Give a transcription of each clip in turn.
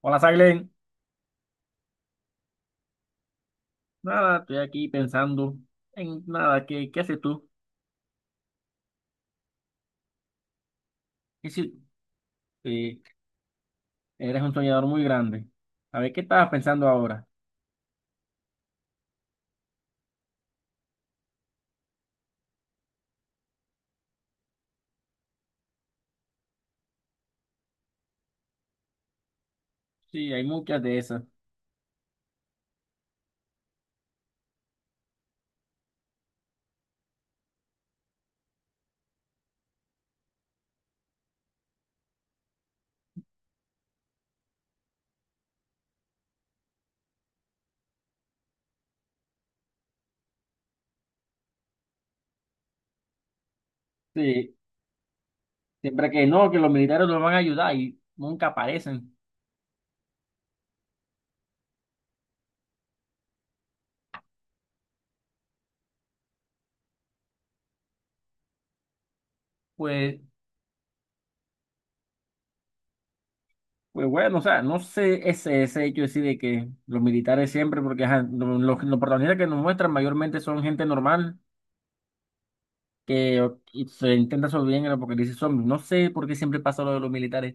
Hola, Saglen. Nada, estoy aquí pensando en nada, ¿qué haces tú? Y si eh, eres un soñador muy grande. A ver, ¿qué estabas pensando ahora? Sí, hay muchas de esas. Sí, siempre que no, que los militares nos van a ayudar y nunca aparecen. Pues, pues bueno, o sea, no sé ese hecho así de que los militares siempre, porque ajá, los protagonistas que nos muestran mayormente son gente normal que y se intenta sobrevivir en el apocalipsis zombie. No sé por qué siempre pasa lo de los militares.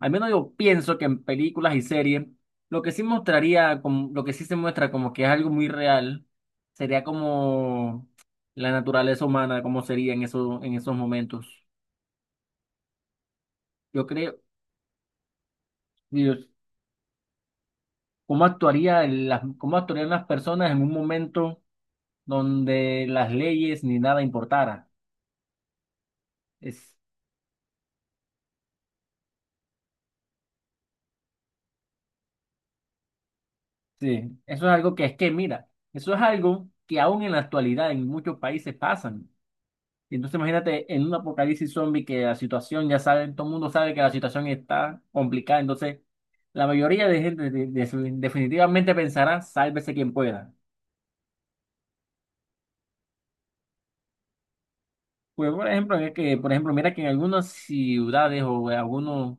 Al menos yo pienso que en películas y series, lo que sí mostraría, lo que sí se muestra como que es algo muy real, sería como la naturaleza humana, cómo sería en esos momentos. Yo creo, Dios, cómo actuaría cómo actuarían las personas en un momento donde las leyes ni nada importara. Es, sí, eso es algo que es que, mira, eso es algo que aún en la actualidad en muchos países pasan. Y entonces imagínate en un apocalipsis zombie que la situación, ya saben, todo el mundo sabe que la situación está complicada, entonces la mayoría de gente definitivamente pensará, sálvese quien pueda. Pues por ejemplo, es que, por ejemplo, mira que en algunas ciudades o en algunos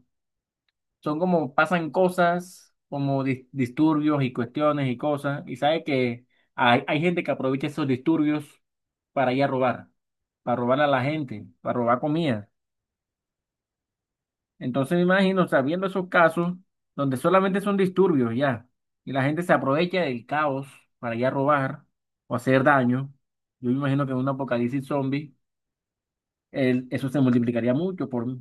son como pasan cosas como disturbios y cuestiones y cosas, y sabe que hay gente que aprovecha esos disturbios para ir a robar, para robar a la gente, para robar comida. Entonces me imagino, o sea, viendo esos casos donde solamente son disturbios ya, y la gente se aprovecha del caos para ya robar o hacer daño, yo me imagino que en un apocalipsis zombie eso se multiplicaría mucho por... O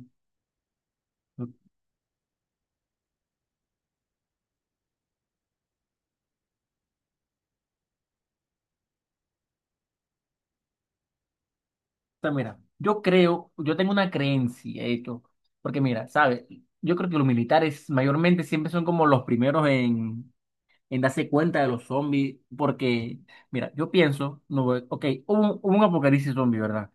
sea, mira, yo creo, yo tengo una creencia, de hecho, porque mira, ¿sabes? Yo creo que los militares mayormente siempre son como los primeros en darse cuenta de los zombies, porque, mira, yo pienso, no, ok, hubo un apocalipsis zombie, ¿verdad?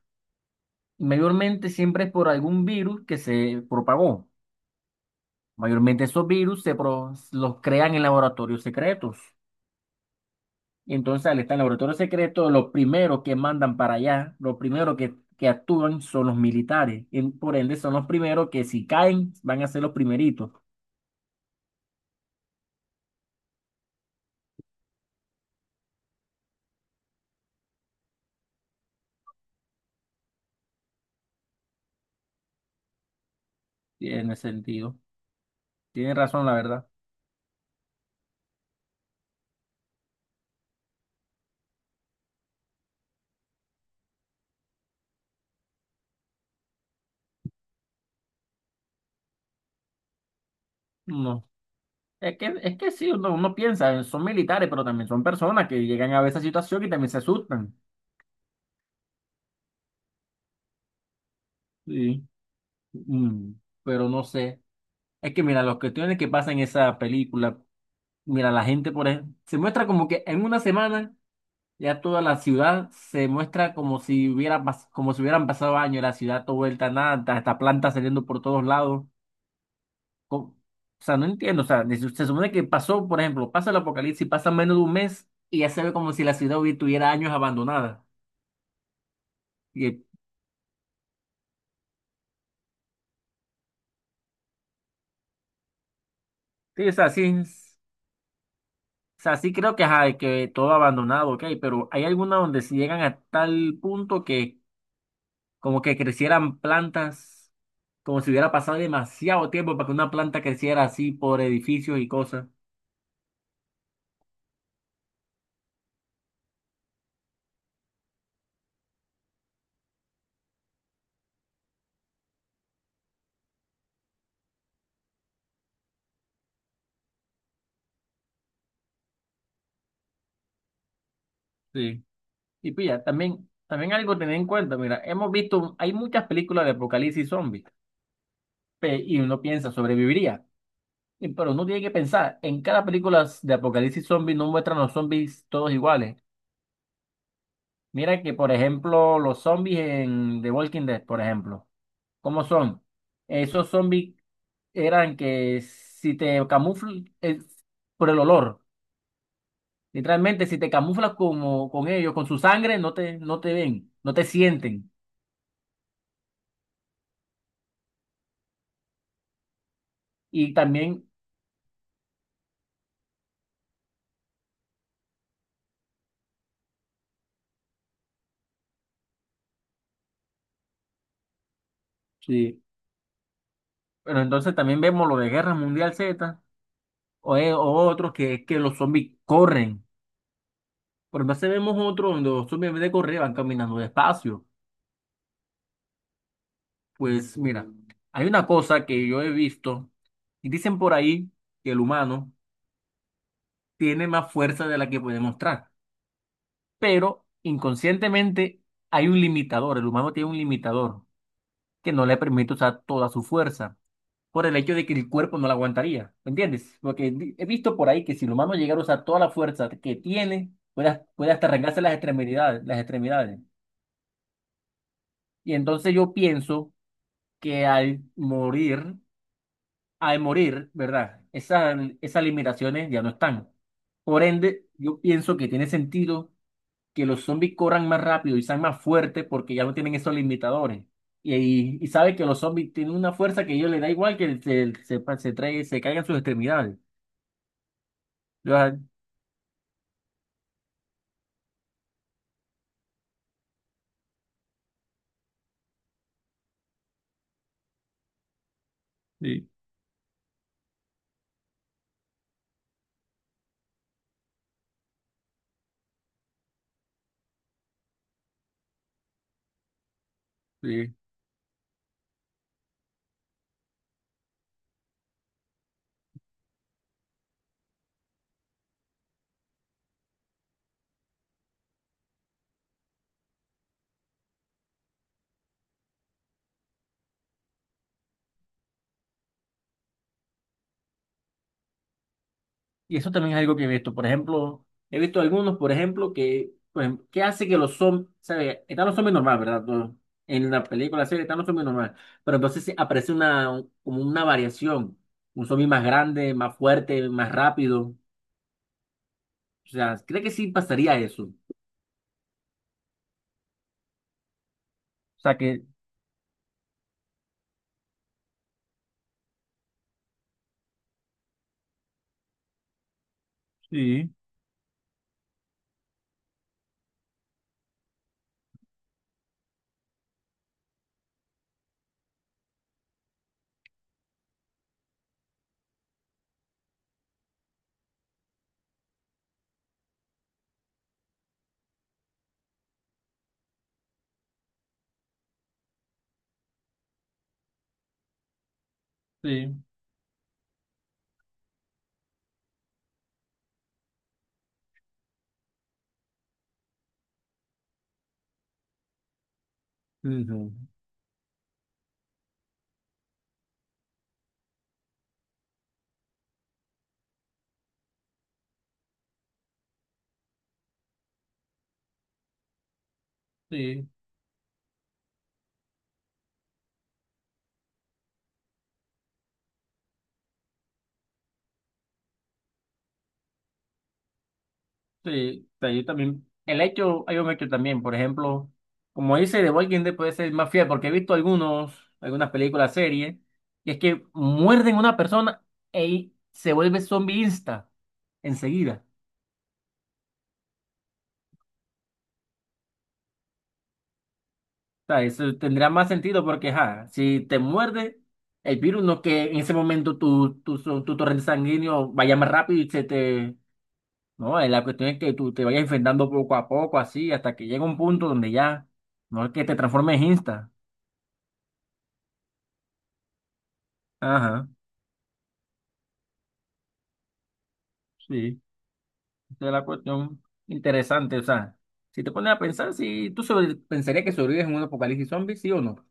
Mayormente siempre es por algún virus que se propagó. Mayormente esos virus los crean en laboratorios secretos. Y entonces al estar en laboratorios secretos, los primeros que mandan para allá, los primeros que actúan son los militares. Y por ende son los primeros que si caen van a ser los primeritos. Tiene sentido. Tiene razón, la verdad. No. Es que sí, uno piensa, son militares, pero también son personas que llegan a ver esa situación y también se asustan. Sí. Mm, pero no sé. Es que mira, las cuestiones que pasan en esa película, mira, la gente por ejemplo, se muestra como que en una semana ya toda la ciudad se muestra como si como si hubieran pasado años, la ciudad toda vuelta a nada, hasta plantas saliendo por todos lados. Co- o sea, no entiendo, o sea, se supone que pasó, por ejemplo, pasa el apocalipsis, pasa menos de un mes y ya se ve como si la ciudad tuviera años abandonada. Y, sí, o sea, o sea, sí creo que, ajá, que todo abandonado, ok, pero hay algunas donde si llegan a tal punto que como que crecieran plantas, como si hubiera pasado demasiado tiempo para que una planta creciera así por edificios y cosas. Sí. Y pilla, también algo a tener en cuenta, mira, hemos visto, hay muchas películas de apocalipsis zombies, y uno piensa, sobreviviría. Pero uno tiene que pensar, en cada película de apocalipsis zombie no muestran los zombies todos iguales. Mira que, por ejemplo, los zombies en The Walking Dead, por ejemplo, ¿cómo son? Esos zombies eran que si te camuflas por el olor, literalmente si te camuflas como con ellos, con su sangre, no te ven, no te sienten. Y también, sí, pero entonces también vemos lo de Guerra Mundial Z o otros que es que los zombies corren. Pero entonces vemos otros donde los zombies en vez de correr van caminando despacio. Pues mira, hay una cosa que yo he visto y dicen por ahí que el humano tiene más fuerza de la que puede mostrar. Pero inconscientemente hay un limitador, el humano tiene un limitador que no le permite usar toda su fuerza por el hecho de que el cuerpo no la aguantaría, ¿me entiendes? Porque he visto por ahí que si el humano llegara a usar toda la fuerza que tiene, puede hasta arrancarse las extremidades, las extremidades. Y entonces yo pienso que al morir, ¿verdad? Esas limitaciones ya no están. Por ende, yo pienso que tiene sentido que los zombies corran más rápido y sean más fuertes porque ya no tienen esos limitadores. Y sabe que los zombies tienen una fuerza que a ellos les da igual que se caigan sus extremidades. Yo, ah, sí, sí. Y eso también es algo que he visto. Por ejemplo, he visto algunos, por ejemplo, que, pues, ¿qué hace que los zombies, sabe, están los zombies normales, ¿verdad? No, en la película, la serie, están los zombies normales. Pero entonces sí aparece una, como una variación. Un zombie más grande, más fuerte, más rápido. O sea, ¿cree que sí pasaría eso? O sea, que sí, sí, ujú, sí, sí. Sí. O sea, yo también, el hecho, hay un hecho también, por ejemplo, como dice The Walking Dead puede ser más fiel, porque he visto algunos, algunas películas, series, y es que muerden a una persona y se vuelve zombie insta enseguida. O sea, eso tendrá más sentido porque, ja, si te muerde el virus, no que en ese momento tu torrente sanguíneo vaya más rápido y se te no, la cuestión es que tú te vayas enfrentando poco a poco, así, hasta que llega un punto donde ya, no es que te transformes en Insta. Ajá, sí, esa es la cuestión interesante. O sea, si te pones a pensar, si tú pensarías que sobrevives en un apocalipsis zombie, sí o no.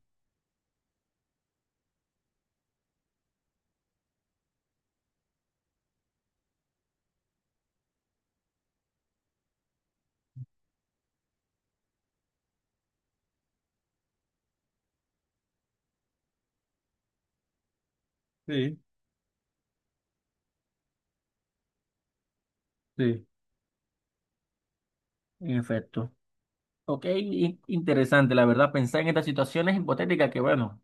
Sí, sí. En efecto. Ok, interesante, la verdad, pensar en estas situaciones hipotéticas que, bueno,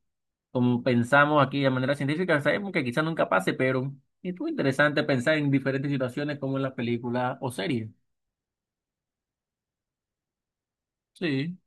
como pensamos aquí de manera científica, sabemos que quizás nunca pase, pero es muy interesante pensar en diferentes situaciones como en las películas o series. Sí.